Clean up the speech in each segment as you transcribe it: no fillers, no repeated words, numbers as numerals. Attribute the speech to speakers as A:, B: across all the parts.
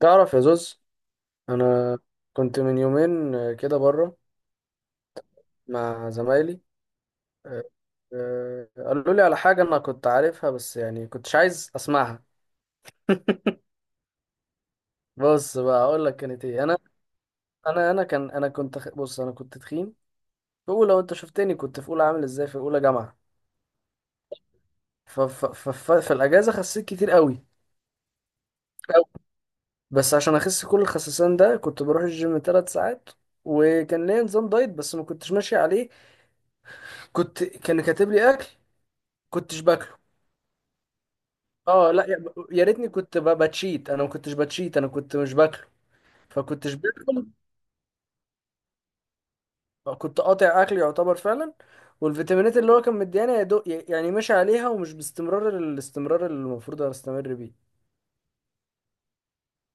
A: تعرف يا زوز، انا كنت من يومين، كده بره مع زمايلي. آه، قالوا لي على حاجه انا كنت عارفها بس يعني كنتش عايز اسمعها. بص بقى اقول لك كانت ايه. انا انا انا كان انا كنت خ- بص انا كنت تخين في اولى. وانت شفتني كنت في اولى عامل ازاي، في اولى جامعه. ف ف ف ف في الاجازه خسيت كتير قوي أوي. بس عشان اخس كل الخسسان ده، كنت بروح الجيم 3 ساعات، وكان ليا نظام دايت بس ما كنتش ماشي عليه. كان كاتب لي اكل، كنتش باكله. اه، لا، يا ريتني كنت بتشيت. انا ما كنتش بتشيت، انا كنت مش باكله. فكنتش باكل. كنت قاطع اكل يعتبر فعلا. والفيتامينات اللي هو كان مديانا يا دوب يعني ماشي عليها، ومش باستمرار، الاستمرار اللي المفروض استمر بيه.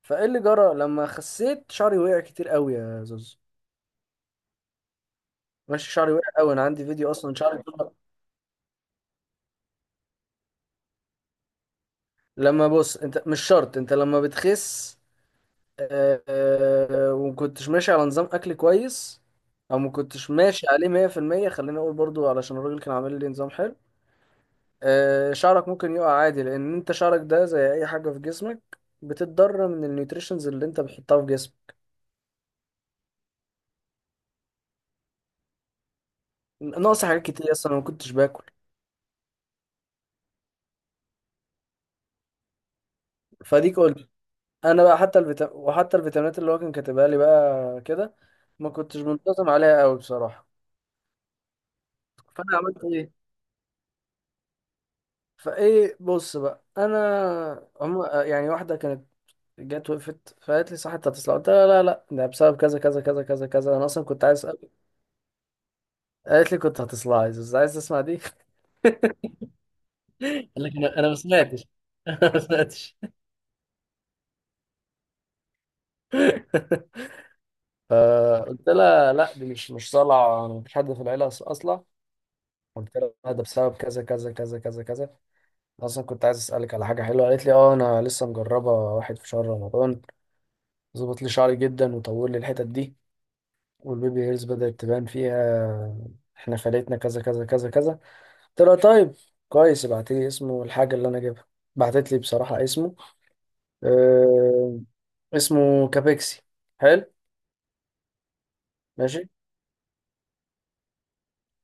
A: فايه اللي جرى؟ لما خسيت، شعري وقع كتير قوي يا زوز. ماشي، شعري وقع قوي، انا عندي فيديو اصلا شعري طلع-. لما بص، انت مش شرط انت لما بتخس، ومكنتش ماشي على نظام اكل كويس، او مكنتش ماشي عليه 100%. خليني اقول برضو علشان الراجل كان عامل لي نظام حلو. شعرك ممكن يقع عادي، لان انت شعرك ده زي اي حاجه في جسمك بتتضرر من النيوتريشنز اللي انت بتحطها في جسمك. ناقص حاجات كتير اصلا، أنا ما كنتش باكل. فديك قلت، انا بقى، وحتى الفيتامينات اللي هو كان كاتبها لي بقى كده ما كنتش منتظم عليها قوي بصراحه. فانا عملت ايه؟ فايه، بص بقى، انا هم يعني واحده كانت جت وقفت فقالت لي، صح انت هتصلع؟ قلت لها لا لا، ده بسبب كذا كذا كذا كذا كذا، انا اصلا كنت عايز أسأل. قالت لي كنت هتصلع، عايز تسمع دي. قال لك انا ما سمعتش انا ما سمعتش. فقلت لها لا، دي مش صلع، انا مفيش حد في العيله اصلا. قلت لها لا، ده بسبب كذا كذا كذا كذا كذا. أنا اصلا كنت عايز اسالك على حاجه حلوه. قالت لي اه، انا لسه مجربه واحد في شهر رمضان، ظبط لي شعري جدا، وطول لي الحتت دي، والبيبي هيرز بدات تبان فيها، احنا فلتنا كذا كذا كذا كذا. طلع، طيب كويس، ابعت لي اسمه الحاجة اللي انا جايبها. بعتت لي بصراحة اسمه، آه اسمه كابيكسي. حلو، ماشي.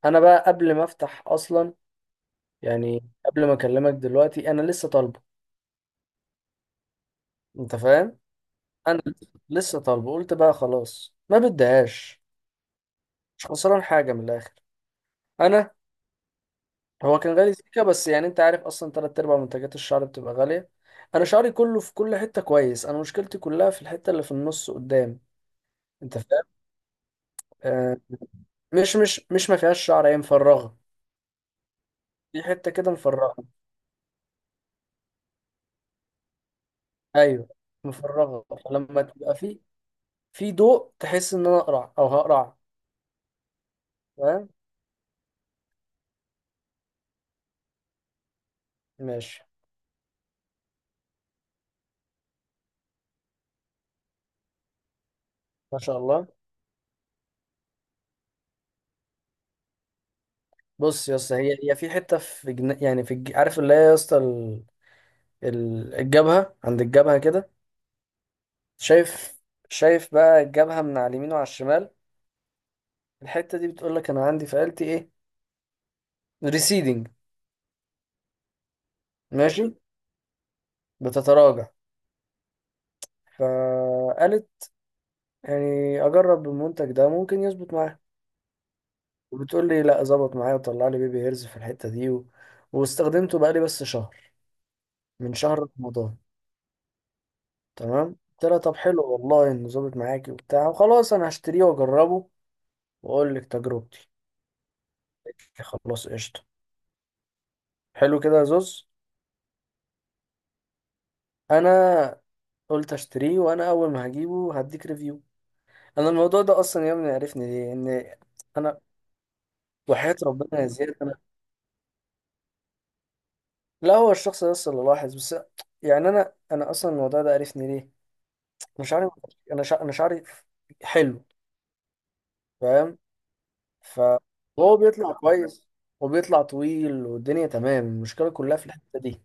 A: انا بقى قبل ما افتح اصلا، يعني قبل ما اكلمك دلوقتي، انا لسه طالبه. انت فاهم، انا لسه طالبه، قلت بقى خلاص ما بديهاش. مش خسران حاجة من الاخر. انا، هو كان غالي سيكا، بس يعني انت عارف اصلا تلات ارباع منتجات الشعر بتبقى غالية. انا شعري كله في كل حتة كويس، انا مشكلتي كلها في الحتة اللي في النص قدام. انت فاهم، آه، مش مش مش ما فيهاش شعر، هي مفرغه. في حته كده مفرغه. ايوه، مفرغه، فلما تبقى في ضوء، تحس ان انا اقرع او هقرع. فاهم، ماشي، ما شاء الله. بص يا اسطى، هي هي في حته في جن... يعني في الج... عارف اللي هي يا اسطى، الجبهه، عند الجبهه كده. شايف، شايف بقى الجبهه من على اليمين وعلى الشمال. الحته دي بتقول لك انا عندي في آلتي ايه، ريسيدنج، ماشي، بتتراجع. فقالت، يعني اجرب المنتج ده ممكن يظبط معايا. وبتقول لي، لا ظبط معايا، وطلع لي بيبي هيرز في الحتة دي و... واستخدمته بقى لي بس شهر، من شهر رمضان. تمام، قلت لها طب حلو والله انه ظابط معاكي وبتاع، وخلاص انا هشتريه واجربه، واقول لك تجربتي. خلاص قشطة، حلو كده يا زوز. انا قلت اشتريه، وانا اول ما هجيبه هديك ريفيو. انا الموضوع ده اصلا يا ابني عرفني ليه، ان انا، وحياة ربنا يا زياد، انا، لا هو الشخص ده اللي لاحظ بس. يعني انا اصلا الموضوع ده عرفني ليه. انا شعري، انا شعري حلو. فاهم، فهو بيطلع كويس، وبيطلع طويل، والدنيا تمام، المشكله كلها في الحته دي.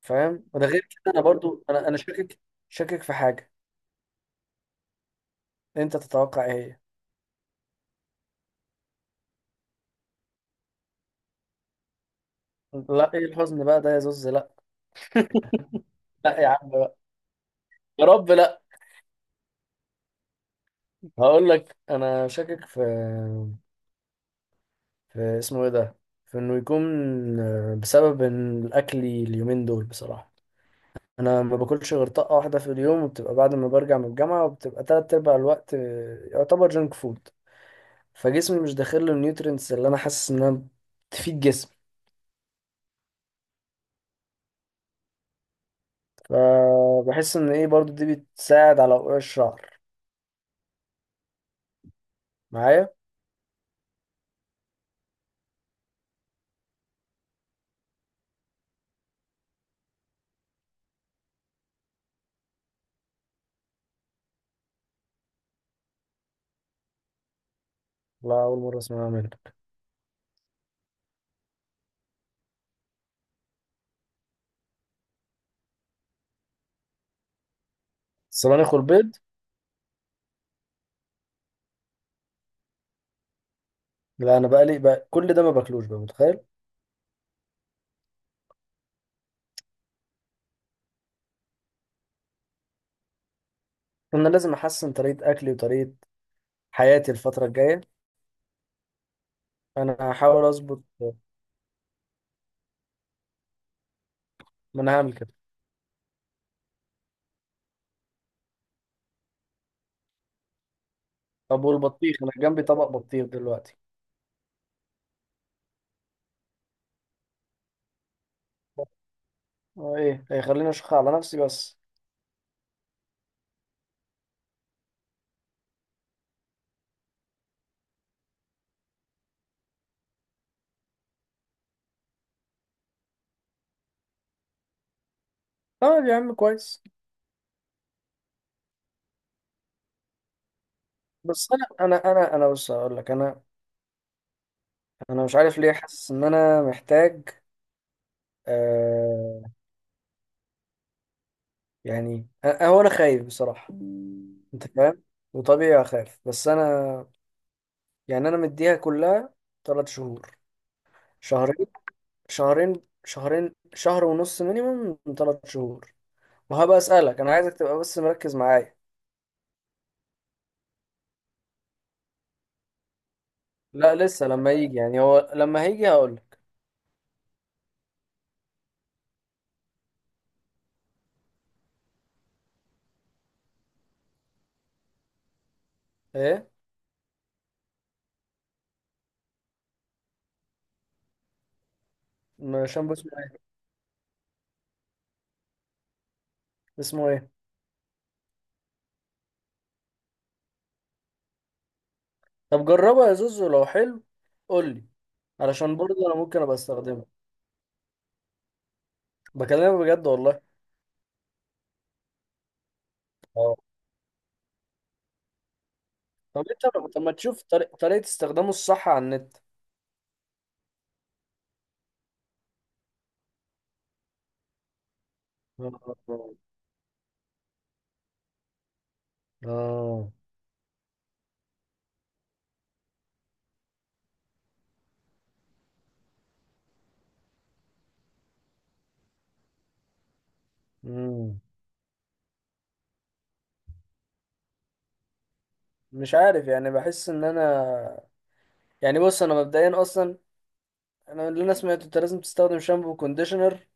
A: فاهم؟ وده غير كده، انا برضو انا انا شاكك، شاكك في حاجه. انت تتوقع ايه؟ هي لا، ايه الحزن بقى ده يا زوز؟ لا، لا يا عم بقى، يا رب لا. هقول لك انا شاكك في، في اسمه ايه ده، في انه يكون بسبب ان الاكل اليومين دول بصراحه، انا ما باكلش غير طاقه واحده في اليوم، وبتبقى بعد ما برجع من الجامعه، وبتبقى تلات ارباع الوقت يعتبر جنك فود. فجسمي مش داخل له النيوترينتس اللي انا حاسس انها تفيد جسمي. فبحس ان ايه، برضو دي بتساعد على وقوع الشعر معايا. لا، اول مره اسمعها منك. الصبانخ والبيض. لا، انا بقلي بقى كل ده ما باكلوش بقى، متخيل. انا لازم احسن طريقه اكلي وطريقه حياتي الفتره الجايه. انا هحاول اظبط. ما انا هعمل كده. طب والبطيخ، انا جنبي طبق بطيخ دلوقتي. اه، ايه؟ هيخليني اشخ على نفسي بس. طيب يا عم كويس. بس انا انا انا انا بص هقول لك، انا مش عارف ليه، حاسس ان انا محتاج، آه يعني أ- أه، هو انا خايف بصراحه. انت فاهم، وطبيعي اخاف، بس انا يعني انا مديها كلها 3 شهور، شهرين، شهرين، شهرين، شهر ونص، مينيمم من 3 شهور. وهبقى اسالك، انا عايزك تبقى بس مركز معايا. لا لسه، لما يجي يعني، هو لما هيجي هقول لك. ايه؟ عشان بس اسمه ايه، اسمه ايه. طب جربها يا زوزو لو حلو، قول لي، علشان برضه انا ممكن ابقى استخدمه. بكلمك بجد والله. طب انت طب ما تشوف طريقة استخدامه الصح على النت. اه. اه. امم، مش عارف يعني، بحس ان انا، يعني بص، انا مبدئيا اصلا، انا اللي انا سمعته، انت لازم تستخدم شامبو وكونديشنر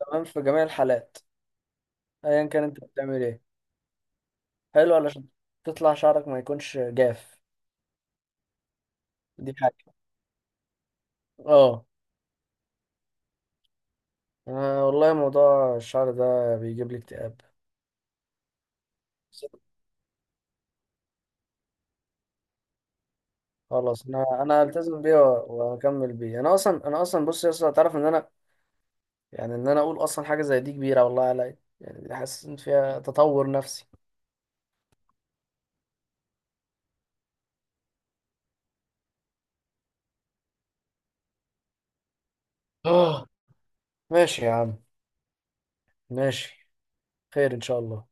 A: تمام في جميع الحالات، ايا كان انت بتعمل ايه. حلو، علشان تطلع شعرك ما يكونش جاف. دي حاجة. اه، انا والله موضوع الشعر ده بيجيب لي اكتئاب. خلاص، انا هلتزم بيه واكمل بيه. انا اصلا بص يا اسطى، تعرف ان انا، يعني ان انا اقول اصلا حاجه زي دي كبيره والله عليا، يعني دي حاسس ان فيها تطور نفسي. اه، ماشي يا عم، ماشي، خير ان شاء الله.